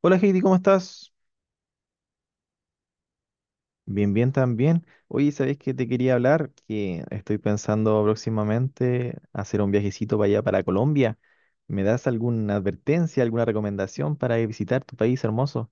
Hola Heidi, ¿cómo estás? Bien, bien también. Oye, ¿sabés que te quería hablar? Que estoy pensando próximamente hacer un viajecito para allá, para Colombia. ¿Me das alguna advertencia, alguna recomendación para visitar tu país hermoso?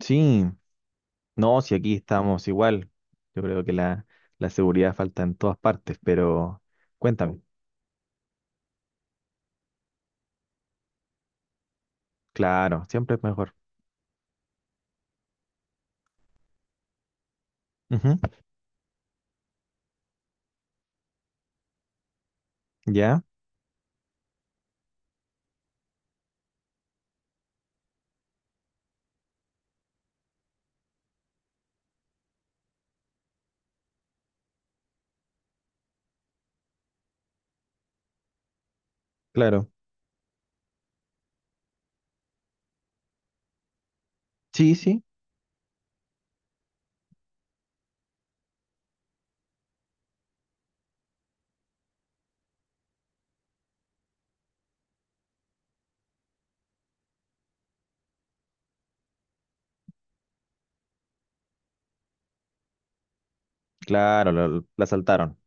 Sí, no, si aquí estamos igual. Yo creo que la seguridad falta en todas partes, pero cuéntame. Claro, siempre es mejor. Ujú. ¿Ya? Claro. Sí, sí, claro, la asaltaron.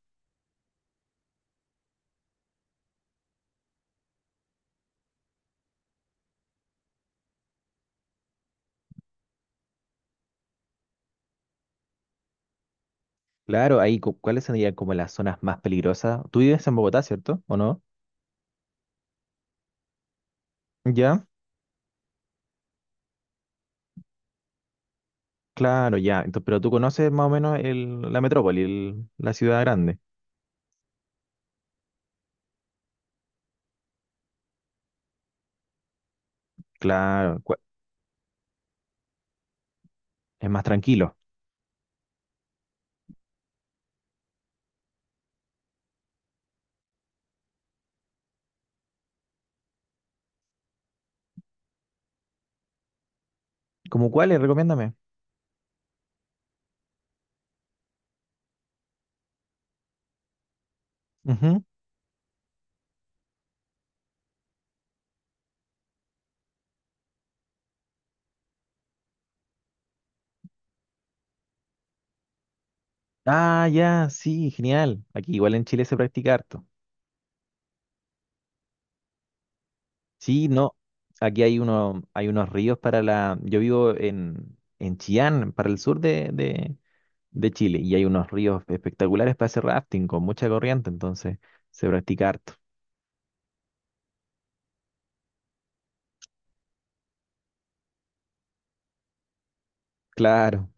Claro, ahí, ¿cuáles serían como las zonas más peligrosas? Tú vives en Bogotá, ¿cierto? ¿O no? Ya, claro, ya. Entonces, pero tú conoces más o menos la metrópoli, la ciudad grande. Claro, es más tranquilo. ¿Cómo cuáles? Recomiéndame. Ujú. Ah, ya, sí, genial. Aquí igual en Chile se practica harto. Sí, no. Aquí hay uno, hay unos ríos para la. Yo vivo en Chillán, para el sur de Chile, y hay unos ríos espectaculares para hacer rafting con mucha corriente, entonces se practica harto. Claro.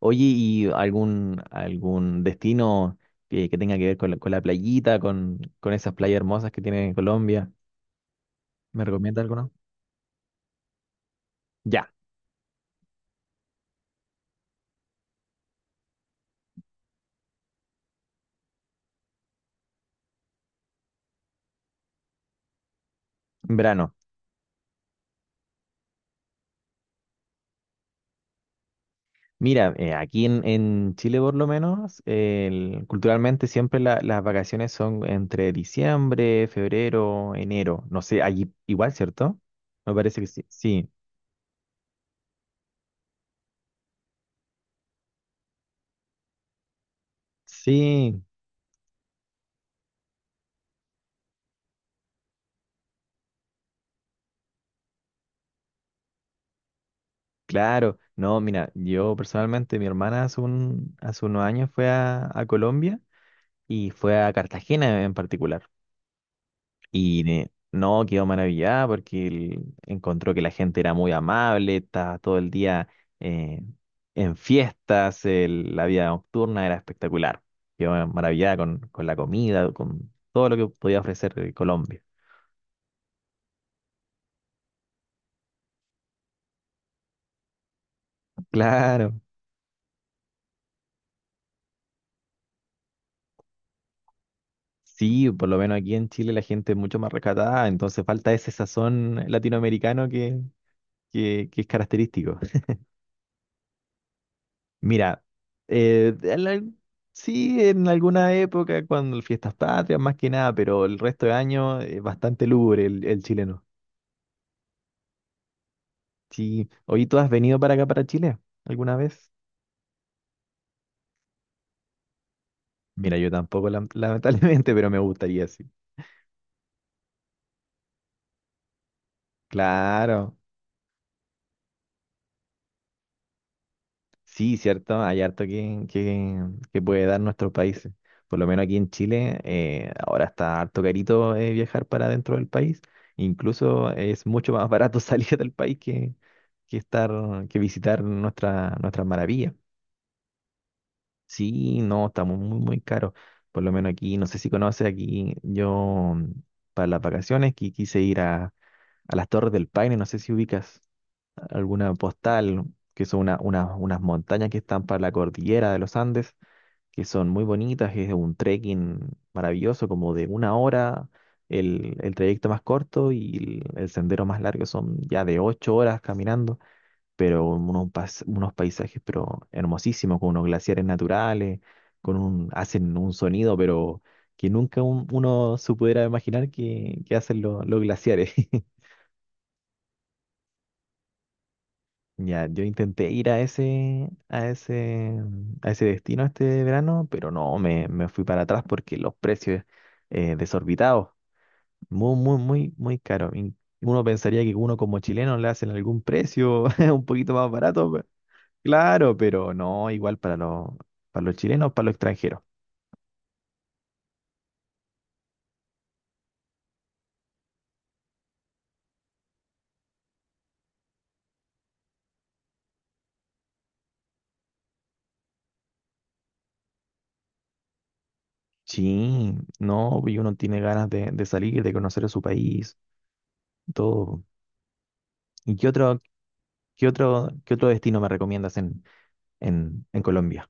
Oye, ¿y algún, algún destino que tenga que ver con con la playita, con esas playas hermosas que tiene Colombia? ¿Me recomienda alguno? Ya, en verano. Mira, aquí en Chile por lo menos, el- culturalmente siempre la- las vacaciones son entre diciembre, febrero, enero. No sé, allí igual, ¿cierto? Me parece que sí. Sí, sí, claro. No, mira, yo personalmente, mi hermana hace, un, hace unos años fue a Colombia. Y fue a Cartagena en particular. Y no, quedó maravillada porque él encontró que la gente era muy amable, estaba todo el día eh, en fiestas, la vida nocturna era espectacular. Quedó maravillada con la comida, con todo lo que podía ofrecer Colombia. Claro. Sí, por lo menos aquí en Chile la gente es mucho más rescatada, entonces falta ese sazón latinoamericano que es característico. Mira, en la- sí, en alguna época, cuando el Fiestas Patrias, más que nada, pero el resto de año es bastante lúgubre el chileno. Sí. Oye, ¿tú has venido para acá, para Chile, alguna vez? Mira, yo tampoco, lamentablemente, pero me gustaría, sí. Claro. Sí, cierto, hay harto que puede dar nuestros países. Por lo menos aquí en Chile, ahora está harto carito viajar para dentro del país. Incluso es mucho más barato salir del país que estar, que visitar nuestras maravillas. Sí, no, estamos muy, muy caros. Por lo menos aquí, no sé si conoces aquí, yo para las vacaciones quise ir a las Torres del Paine, no sé si ubicas alguna postal, que son una- unas montañas que están para la cordillera de los Andes, que son muy bonitas, es un trekking maravilloso, como de una hora, el trayecto más corto y el sendero más largo son ya de 8 horas caminando, pero unos, unos paisajes pero hermosísimos, con unos glaciares naturales, con un, hacen un sonido, pero que nunca uno se pudiera imaginar que hacen los glaciares. Ya, yo intenté ir a ese, a ese, a ese destino este verano, pero no, me fui para atrás porque los precios desorbitados, muy, muy, muy, muy caros. Y uno pensaría que uno como chileno le hacen algún precio un poquito más barato, pe- claro, pero no, igual para los chilenos, para los extranjeros. Sí, no, y uno tiene ganas de salir, de conocer su país, todo. ¿Y qué otro, qué otro, qué otro destino me recomiendas en Colombia?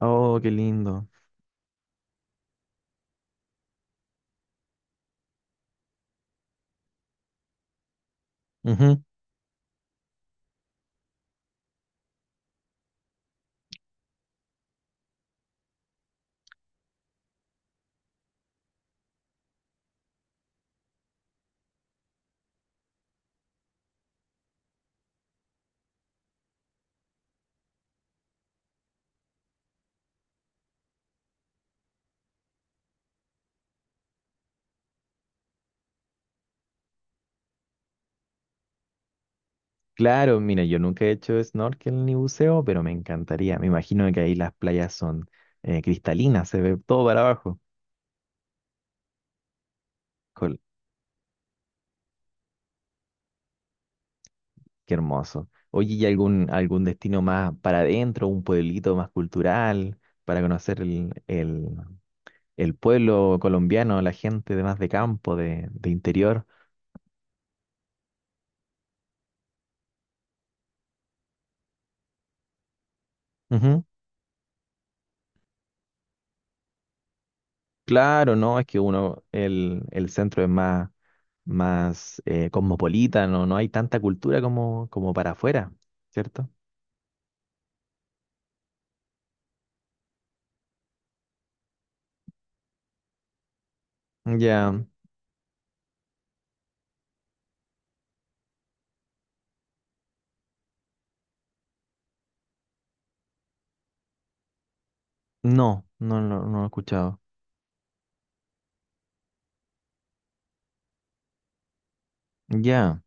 Oh, qué lindo. Ujú. Claro, mira, yo nunca he hecho snorkel ni buceo, pero me encantaría. Me imagino que ahí las playas son cristalinas, se ve todo para abajo. Jol, qué hermoso. Oye, ¿y algún, algún destino más para adentro, un pueblito más cultural, para conocer el pueblo colombiano, la gente de más de campo, de interior? Claro, no, es que uno, el centro es más, más cosmopolita, no, no hay tanta cultura como, como para afuera, ¿cierto? Ya, no, no, no, no lo he escuchado. Ya,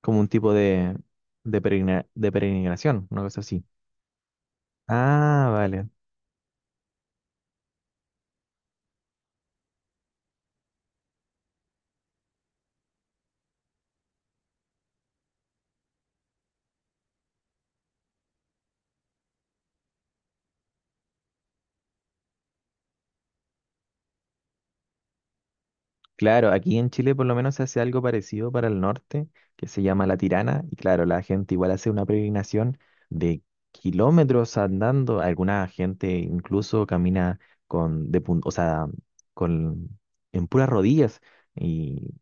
como un tipo de, peregrina- de peregrinación, una cosa así. Ah, vale. Claro, aquí en Chile por lo menos se hace algo parecido para el norte, que se llama La Tirana, y claro, la gente igual hace una peregrinación de kilómetros andando, alguna gente incluso camina con, de, pun- o sea, con, en puras rodillas, y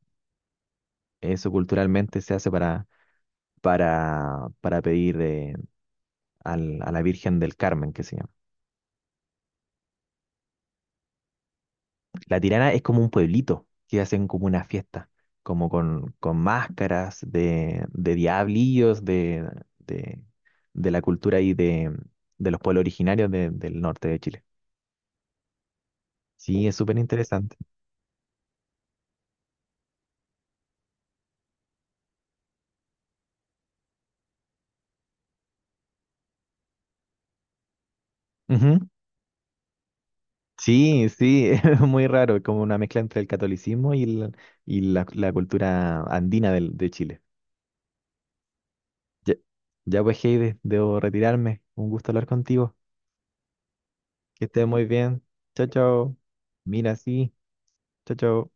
eso culturalmente se hace para pedir al- a la Virgen del Carmen, que se llama. La Tirana es como un pueblito que hacen como una fiesta, como con máscaras de diablillos de, de la cultura y de los pueblos originarios del norte de Chile. Sí, es súper interesante. Ujú. Sí, sí, es muy raro, es como una mezcla entre el catolicismo y, el- y la cultura andina de Chile. Ya, ya pues, Heide, debo retirarme. Un gusto hablar contigo. Que estés muy bien. Chao, chao. Mira, sí. Chao, chao.